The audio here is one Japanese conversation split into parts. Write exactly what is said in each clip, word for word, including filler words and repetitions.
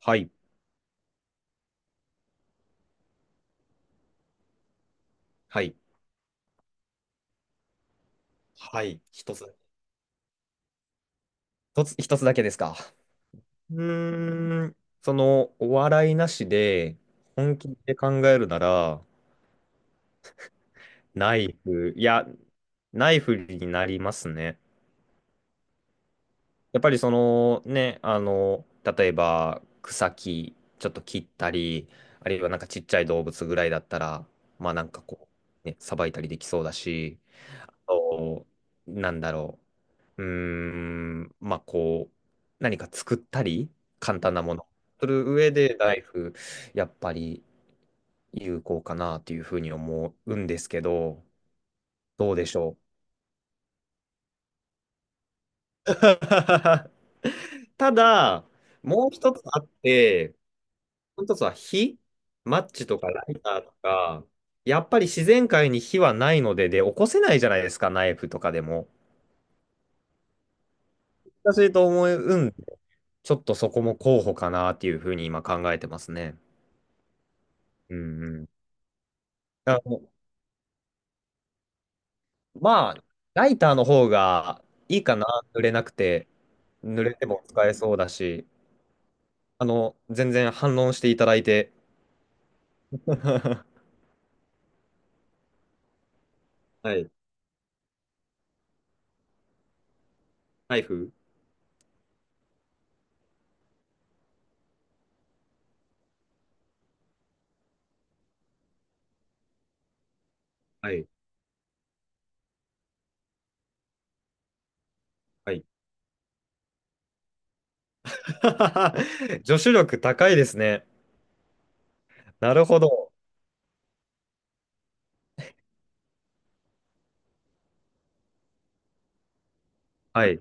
はい。はい。はい、一つ。一つ、一つだけですか？うーん。その、お笑いなしで、本気で考えるなら、ナイフ、いや、ナイフになりますね。やっぱりその、ね、あの、例えば、草木、ちょっと切ったり、あるいはなんかちっちゃい動物ぐらいだったら、まあなんかこう、ね、さばいたりできそうだし、あと、なんだろううーん、まあこう、何か作ったり、簡単なもの、する上で、ナイフ、やっぱり有効かなというふうに思うんですけど、どうでしょう。ただ、もう一つあって、もう一つは火、マッチとかライターとか、やっぱり自然界に火はないので、で、起こせないじゃないですか、ナイフとかでも。難しいと思うんで、ちょっとそこも候補かなっていうふうに今考えてますね。うんうん。あの、まあ、ライターの方がいいかな、濡れなくて、濡れても使えそうだし、あの、全然反論していただいて。はい。ナイフ。はい。はい。助手力高いですね。なるほど。はい。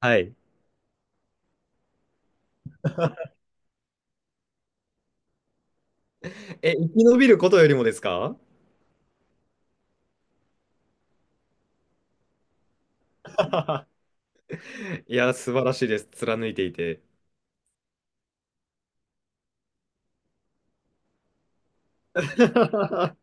はい。え、生き延びることよりもですか？ いや、素晴らしいです。貫いていて。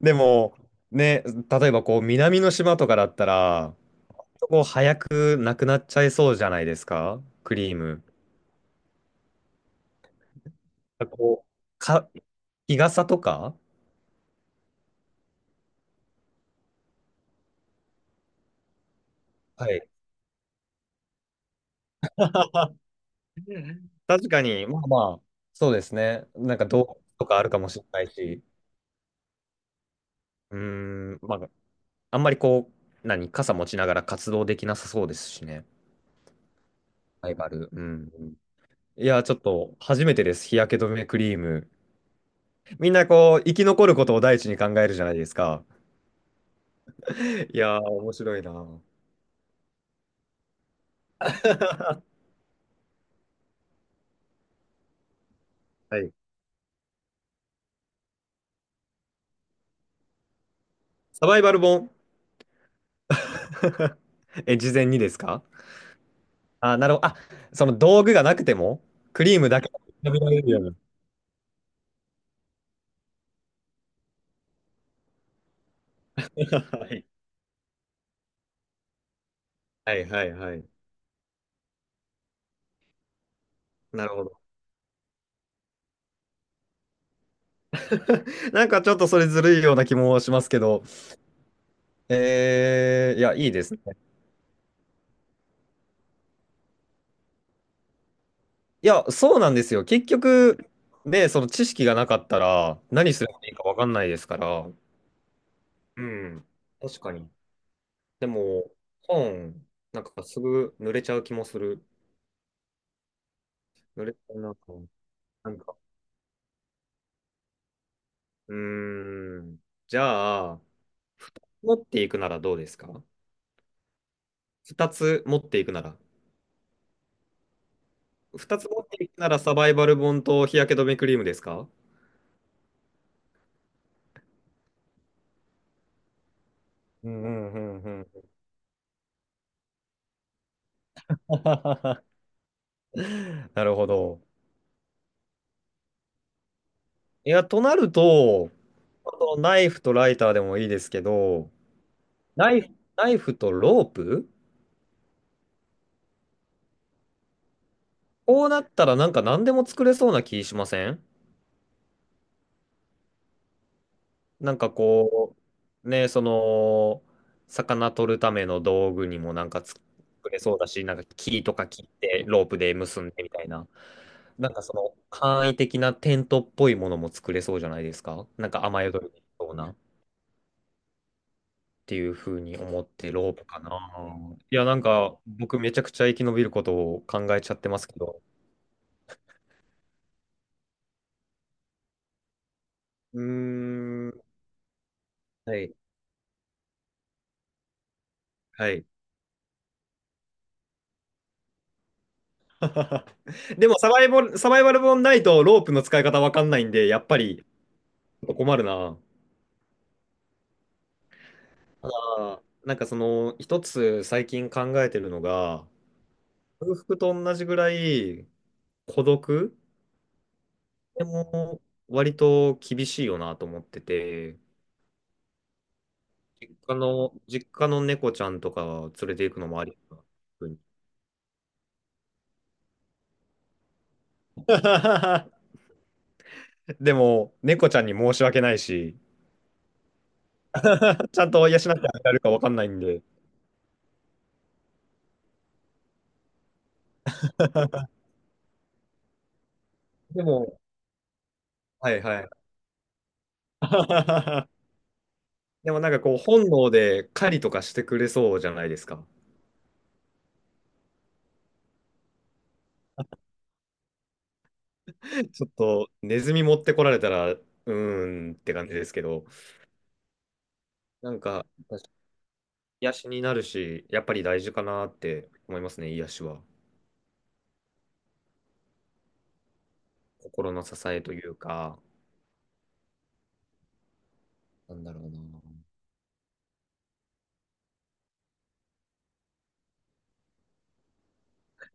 でも、ね、例えばこう、南の島とかだったら、もう早くなくなっちゃいそうじゃないですか、クリーム。こう、か、日傘とか。はい。あ、確かに、まあまあ、そうですね。なんかどうとかあるかもしれないし、うーん、まあ、あんまりこう、何、傘持ちながら活動できなさそうですしね。ライバル。うん。いや、ちょっと、初めてです。日焼け止めクリーム。みんなこう、生き残ることを第一に考えるじゃないですか。いやー、面白いな。はい。サバイバル本。え、事前にですか？あ、なるほど。あ、その道具がなくても、クリームだけ。食べられるような。はいはいはいはい。なるほど。なんかちょっとそれずるいような気もしますけど、えー、いや、いいですね。いや、そうなんですよ。結局、ね、その知識がなかったら、何すればいいかわかんないですから。うん。確かに。でも、本、なんかすぐ濡れちゃう気もする。濡れちゃうな。なんか、うーん。じゃあ、持っていくならどうですか？二つ持っていくなら。二つ持っていくならサバイバル本と日焼け止めクリームですか？うんうんうんうん。なるほど。いや、となると、あとナイフとライターでもいいですけど、ナイフ、ナイフとロープ。こうなったらなんか何でも作れそうな気しません？なんかこう、ね、その、魚取るための道具にもなんか作れそうだし、なんか木とか切ってロープで結んでみたいな、なんかその簡易的なテントっぽいものも作れそうじゃないですか。なんか雨宿りにそうなっていうふうに思ってロープかな。いや、なんか僕めちゃくちゃ生き延びることを考えちゃってますけど。うーん、はい、はい。でもサバイバル、サバイバル本ないとロープの使い方わかんないんで、やっぱり。困るな。ただ、なんかその、一つ最近考えてるのが、空腹と同じぐらい孤独でも割と厳しいよなと思ってて、あの、実家の猫ちゃんとか連れて行くのもありかな。うん。 でも、猫ちゃんに申し訳ないし、ちゃんと養ってあげられるかわかんないんで。でも、はいはい。でもなんかこう、本能で狩りとかしてくれそうじゃないですか。ちょっとネズミ持ってこられたら、うーんって感じですけど、なんか、癒しになるし、やっぱり大事かなって思いますね、癒しは。心の支えというか、なんだろうな。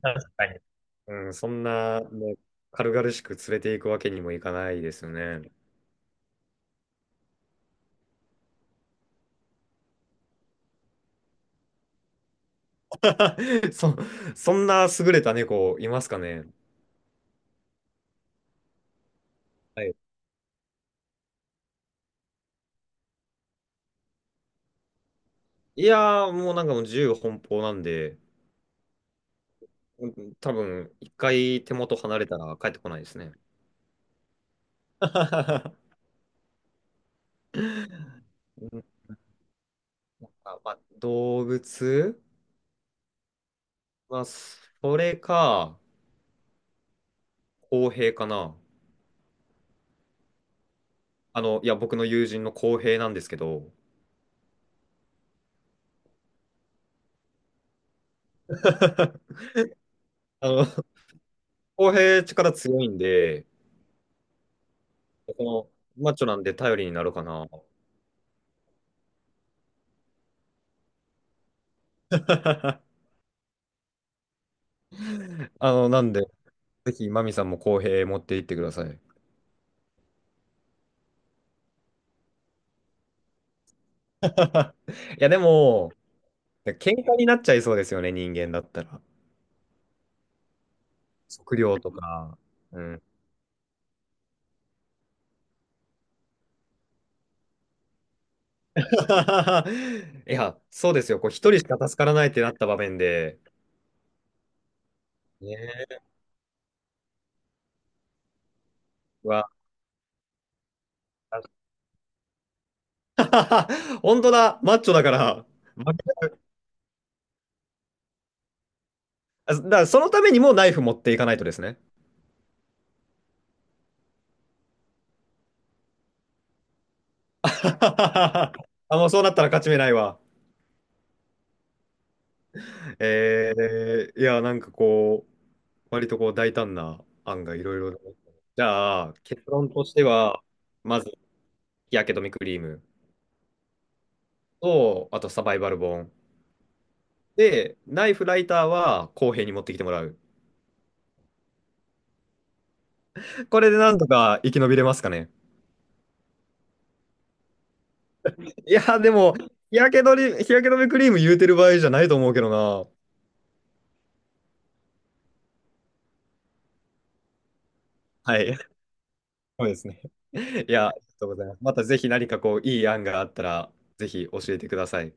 確かに。うん、そんな、ね、軽々しく連れていくわけにもいかないですよね。そ、そんな優れた猫いますかね。はい。いやー、もうなんかもう自由奔放なんで、うん、多分いっかい手元離れたら帰ってこないですね。うん。あ、まあ、動物まあ、それか、公平かな。あの、いや、僕の友人の公平なんですけど、あの、公平力強いんで、この、マッチョなんで頼りになるかな。あの、なんで、ぜひ、マミさんも公平持っていってください。いや、でも、喧嘩になっちゃいそうですよね、人間だったら。食料とか。うん。いや、そうですよ。こう、一人しか助からないってなった場面で。ねえは、本当だ、マッチョだから、あだからそのためにもナイフ持っていかないとですね。あ、もうそうなったら勝ち目ないわ。えー、いや、なんかこう、割とこう大胆な案がいろいろ。じゃあ、結論としては、まず、日焼け止めクリームと、あとサバイバル本。で、ナイフライターは公平に持ってきてもらう。これでなんとか生き延びれますかね。いや、でも、日焼け止め、日焼け止めクリーム言うてる場合じゃないと思うけどな。はい。そうですね。いや、ありがとうございます。またぜひ何かこう、いい案があったら、ぜひ教えてください。